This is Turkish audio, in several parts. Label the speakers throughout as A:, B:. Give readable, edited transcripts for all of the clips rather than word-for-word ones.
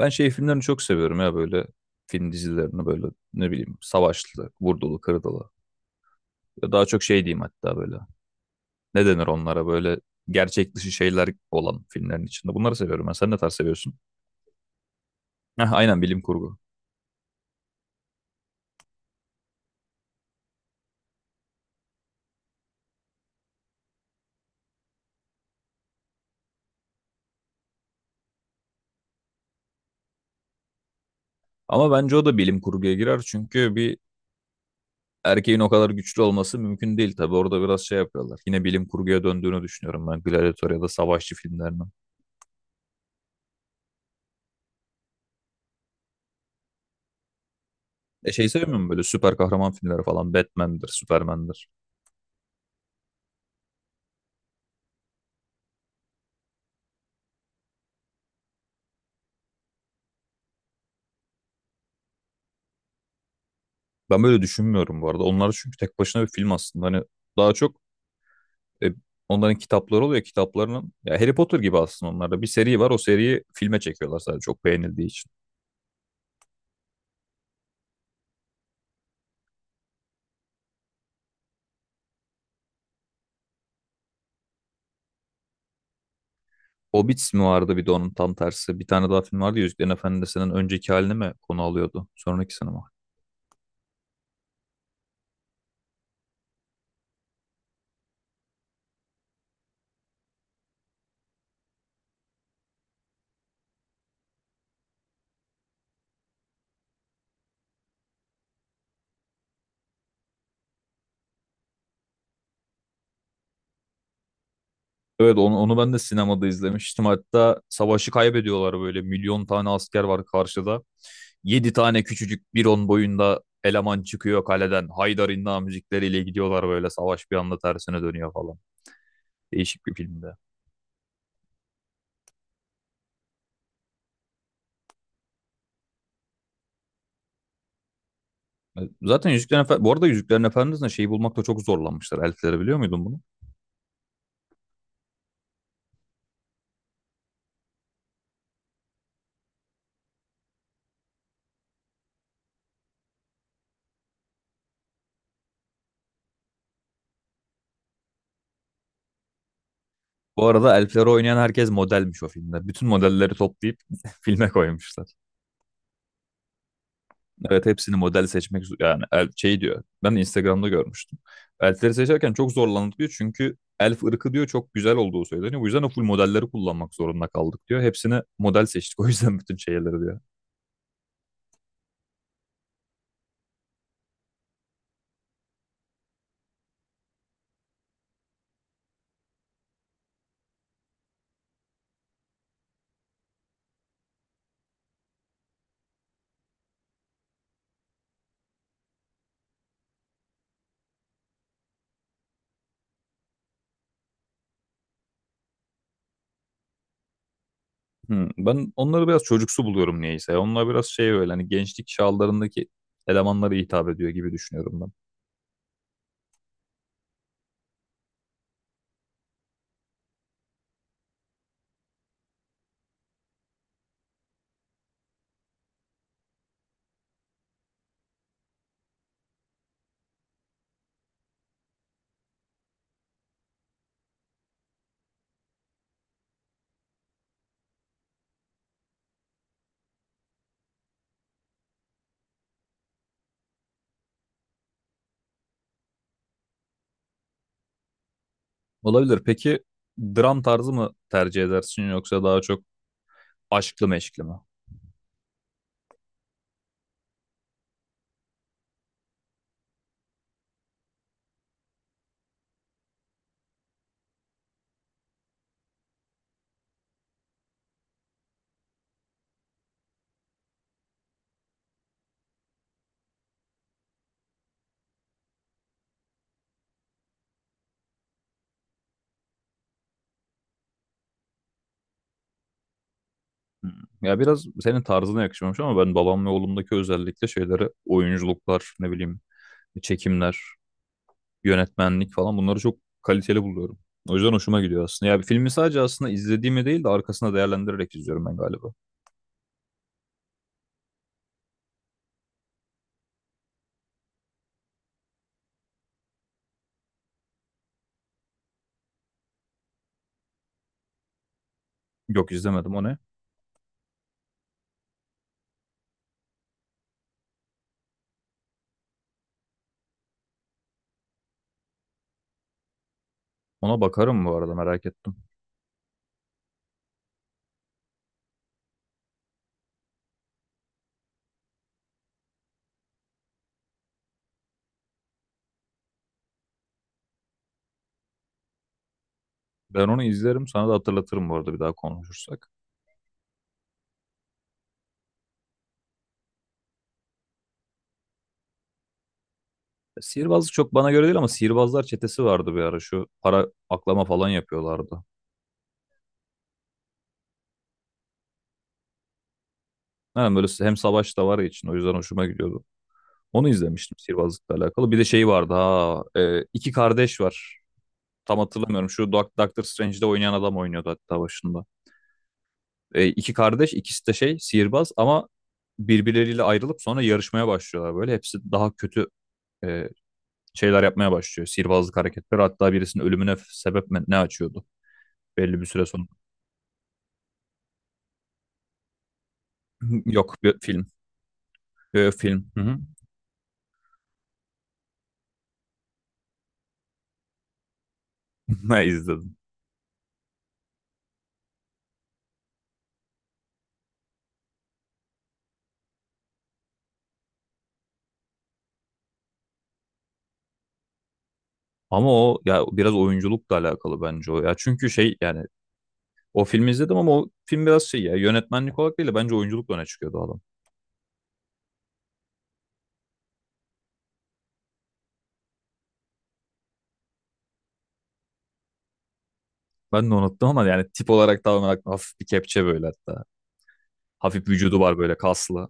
A: Ben şey filmlerini çok seviyorum ya böyle film dizilerini böyle ne bileyim savaşlı, vurdulu, kırdılı. Ya daha çok şey diyeyim hatta böyle. Ne denir onlara böyle gerçek dışı şeyler olan filmlerin içinde. Bunları seviyorum ben. Sen ne tarz seviyorsun? Heh, aynen bilim kurgu. Ama bence o da bilim kurguya girer çünkü bir erkeğin o kadar güçlü olması mümkün değil tabii. Orada biraz şey yapıyorlar. Yine bilim kurguya döndüğünü düşünüyorum ben Gladiator ya da savaşçı filmlerinin. E şey sevmiyorum böyle süper kahraman filmleri falan. Batman'dir, Superman'dir. Ben böyle düşünmüyorum bu arada. Onlar çünkü tek başına bir film aslında. Hani daha çok e, onların kitapları oluyor. Kitaplarının ya Harry Potter gibi aslında onlarda. Bir seri var. O seriyi filme çekiyorlar sadece çok beğenildiği için. Hobbit mi vardı bir de onun tam tersi. Bir tane daha film vardı ya Yüzüklerin Efendisi'nin önceki halini mi konu alıyordu? Sonraki mi? Evet onu ben de sinemada izlemiştim. Hatta savaşı kaybediyorlar böyle milyon tane asker var karşıda. Yedi tane küçücük bir on boyunda eleman çıkıyor kaleden. Haydar İnna müzikleriyle gidiyorlar böyle savaş bir anda tersine dönüyor falan. Değişik bir filmde. Zaten Yüzüklerin Efendisi, bu arada Yüzüklerin Efendisi'nde şeyi bulmakta çok zorlanmışlar. Elfleri biliyor muydun bunu? Bu arada elfleri oynayan herkes modelmiş o filmde. Bütün modelleri toplayıp filme koymuşlar. Evet hepsini model seçmek yani şey diyor. Ben Instagram'da görmüştüm. Elfleri seçerken çok zorlandık diyor. Çünkü elf ırkı diyor çok güzel olduğu söyleniyor. Bu yüzden o full modelleri kullanmak zorunda kaldık diyor. Hepsini model seçtik o yüzden bütün şeyleri diyor. Ben onları biraz çocuksu buluyorum niyeyse. Onlar biraz şey böyle hani gençlik çağlarındaki elemanlara hitap ediyor gibi düşünüyorum ben. Olabilir. Peki dram tarzı mı tercih edersin yoksa daha çok aşklı meşkli mi? Hmm. Ya biraz senin tarzına yakışmamış ama ben babam ve oğlumdaki özellikle şeyleri oyunculuklar, ne bileyim çekimler, yönetmenlik falan bunları çok kaliteli buluyorum. O yüzden hoşuma gidiyor aslında. Ya bir filmi sadece aslında izlediğimi değil de arkasında değerlendirerek izliyorum ben galiba. Yok izlemedim o ne? Ona bakarım bu arada merak ettim. Ben onu izlerim sana da hatırlatırım bu arada bir daha konuşursak. Ya sihirbazlık çok bana göre değil ama sihirbazlar çetesi vardı bir ara şu para aklama falan yapıyorlardı. Yani böyle hem savaş da var ya için o yüzden hoşuma gidiyordu. Onu izlemiştim sihirbazlıkla alakalı. Bir de şey vardı ha iki kardeş var. Tam hatırlamıyorum şu Doctor Strange'de oynayan adam oynuyordu hatta başında. İki kardeş ikisi de şey sihirbaz ama birbirleriyle ayrılıp sonra yarışmaya başlıyorlar böyle. Hepsi daha kötü e, şeyler yapmaya başlıyor. Sihirbazlık hareketleri hatta birisinin ölümüne sebep ne açıyordu belli bir süre sonra. Yok bir film. Film. Hı hı. Ben izledim. Ama o ya biraz oyunculukla alakalı bence o ya. Çünkü şey yani o filmi izledim ama o film biraz şey ya yönetmenlik olarak değil de bence oyunculukla öne çıkıyordu adam. Ben de unuttum ama yani tip olarak da olarak hafif bir kepçe böyle hatta. Hafif vücudu var böyle kaslı.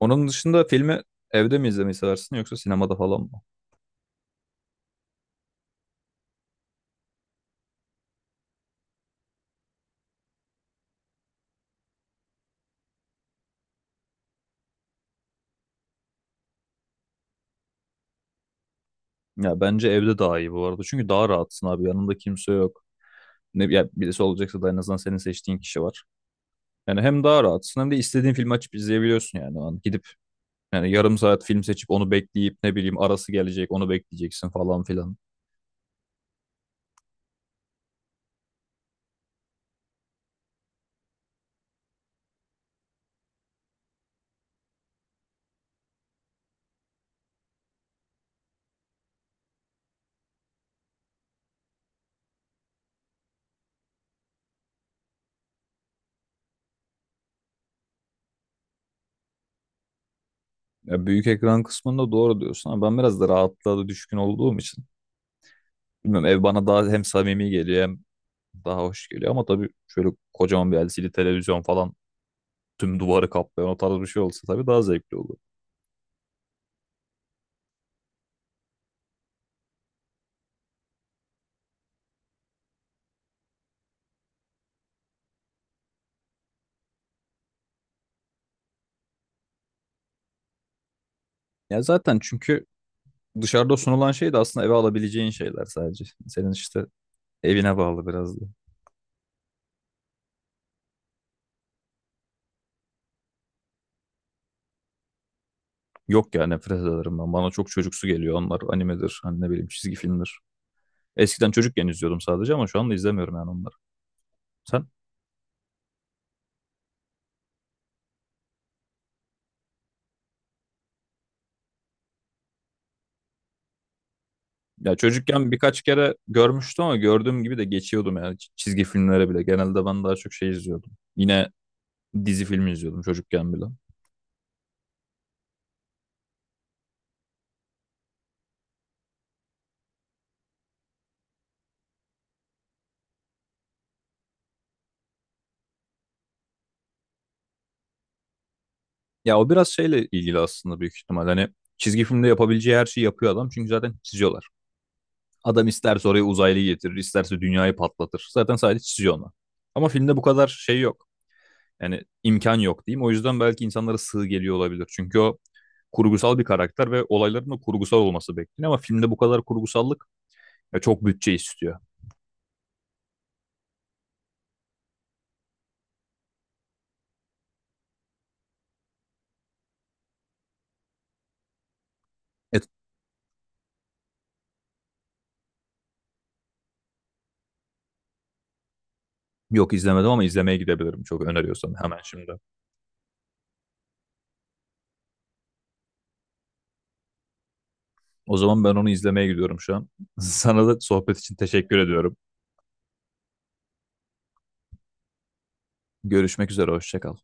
A: Onun dışında filmi evde mi izlemeyi seversin yoksa sinemada falan mı? Ya bence evde daha iyi bu arada. Çünkü daha rahatsın abi yanında kimse yok. Ne, ya birisi olacaksa da en azından senin seçtiğin kişi var. Yani hem daha rahatsın hem de istediğin filmi açıp izleyebiliyorsun yani. O an gidip yani yarım saat film seçip onu bekleyip ne bileyim arası gelecek onu bekleyeceksin falan filan. Ya büyük ekran kısmında doğru diyorsun ama ben biraz da rahatlığa da düşkün olduğum için. Bilmiyorum ev bana daha hem samimi geliyor hem daha hoş geliyor ama tabii şöyle kocaman bir LCD televizyon falan tüm duvarı kaplayan o tarz bir şey olsa tabii daha zevkli olur. Ya zaten çünkü dışarıda sunulan şey de aslında eve alabileceğin şeyler sadece. Senin işte evine bağlı biraz da. Yok ya nefret ederim ben. Bana çok çocuksu geliyor onlar. Animedir, hani ne bileyim çizgi filmdir. Eskiden çocukken izliyordum sadece ama şu anda izlemiyorum yani onları. Sen? Ya çocukken birkaç kere görmüştüm ama gördüğüm gibi de geçiyordum yani çizgi filmlere bile. Genelde ben daha çok şey izliyordum. Yine dizi filmi izliyordum çocukken bile. Ya o biraz şeyle ilgili aslında büyük ihtimal. Hani çizgi filmde yapabileceği her şeyi yapıyor adam çünkü zaten çiziyorlar. Adam isterse oraya uzaylıyı getirir, isterse dünyayı patlatır. Zaten sadece çiziyor ona. Ama filmde bu kadar şey yok. Yani imkan yok diyeyim. O yüzden belki insanlara sığ geliyor olabilir. Çünkü o kurgusal bir karakter ve olayların da kurgusal olması bekleniyor ama filmde bu kadar kurgusallık ya çok bütçe istiyor. E, yok izlemedim ama izlemeye gidebilirim çok öneriyorsan hemen şimdi. O zaman ben onu izlemeye gidiyorum şu an. Sana da sohbet için teşekkür ediyorum. Görüşmek üzere, hoşça kal.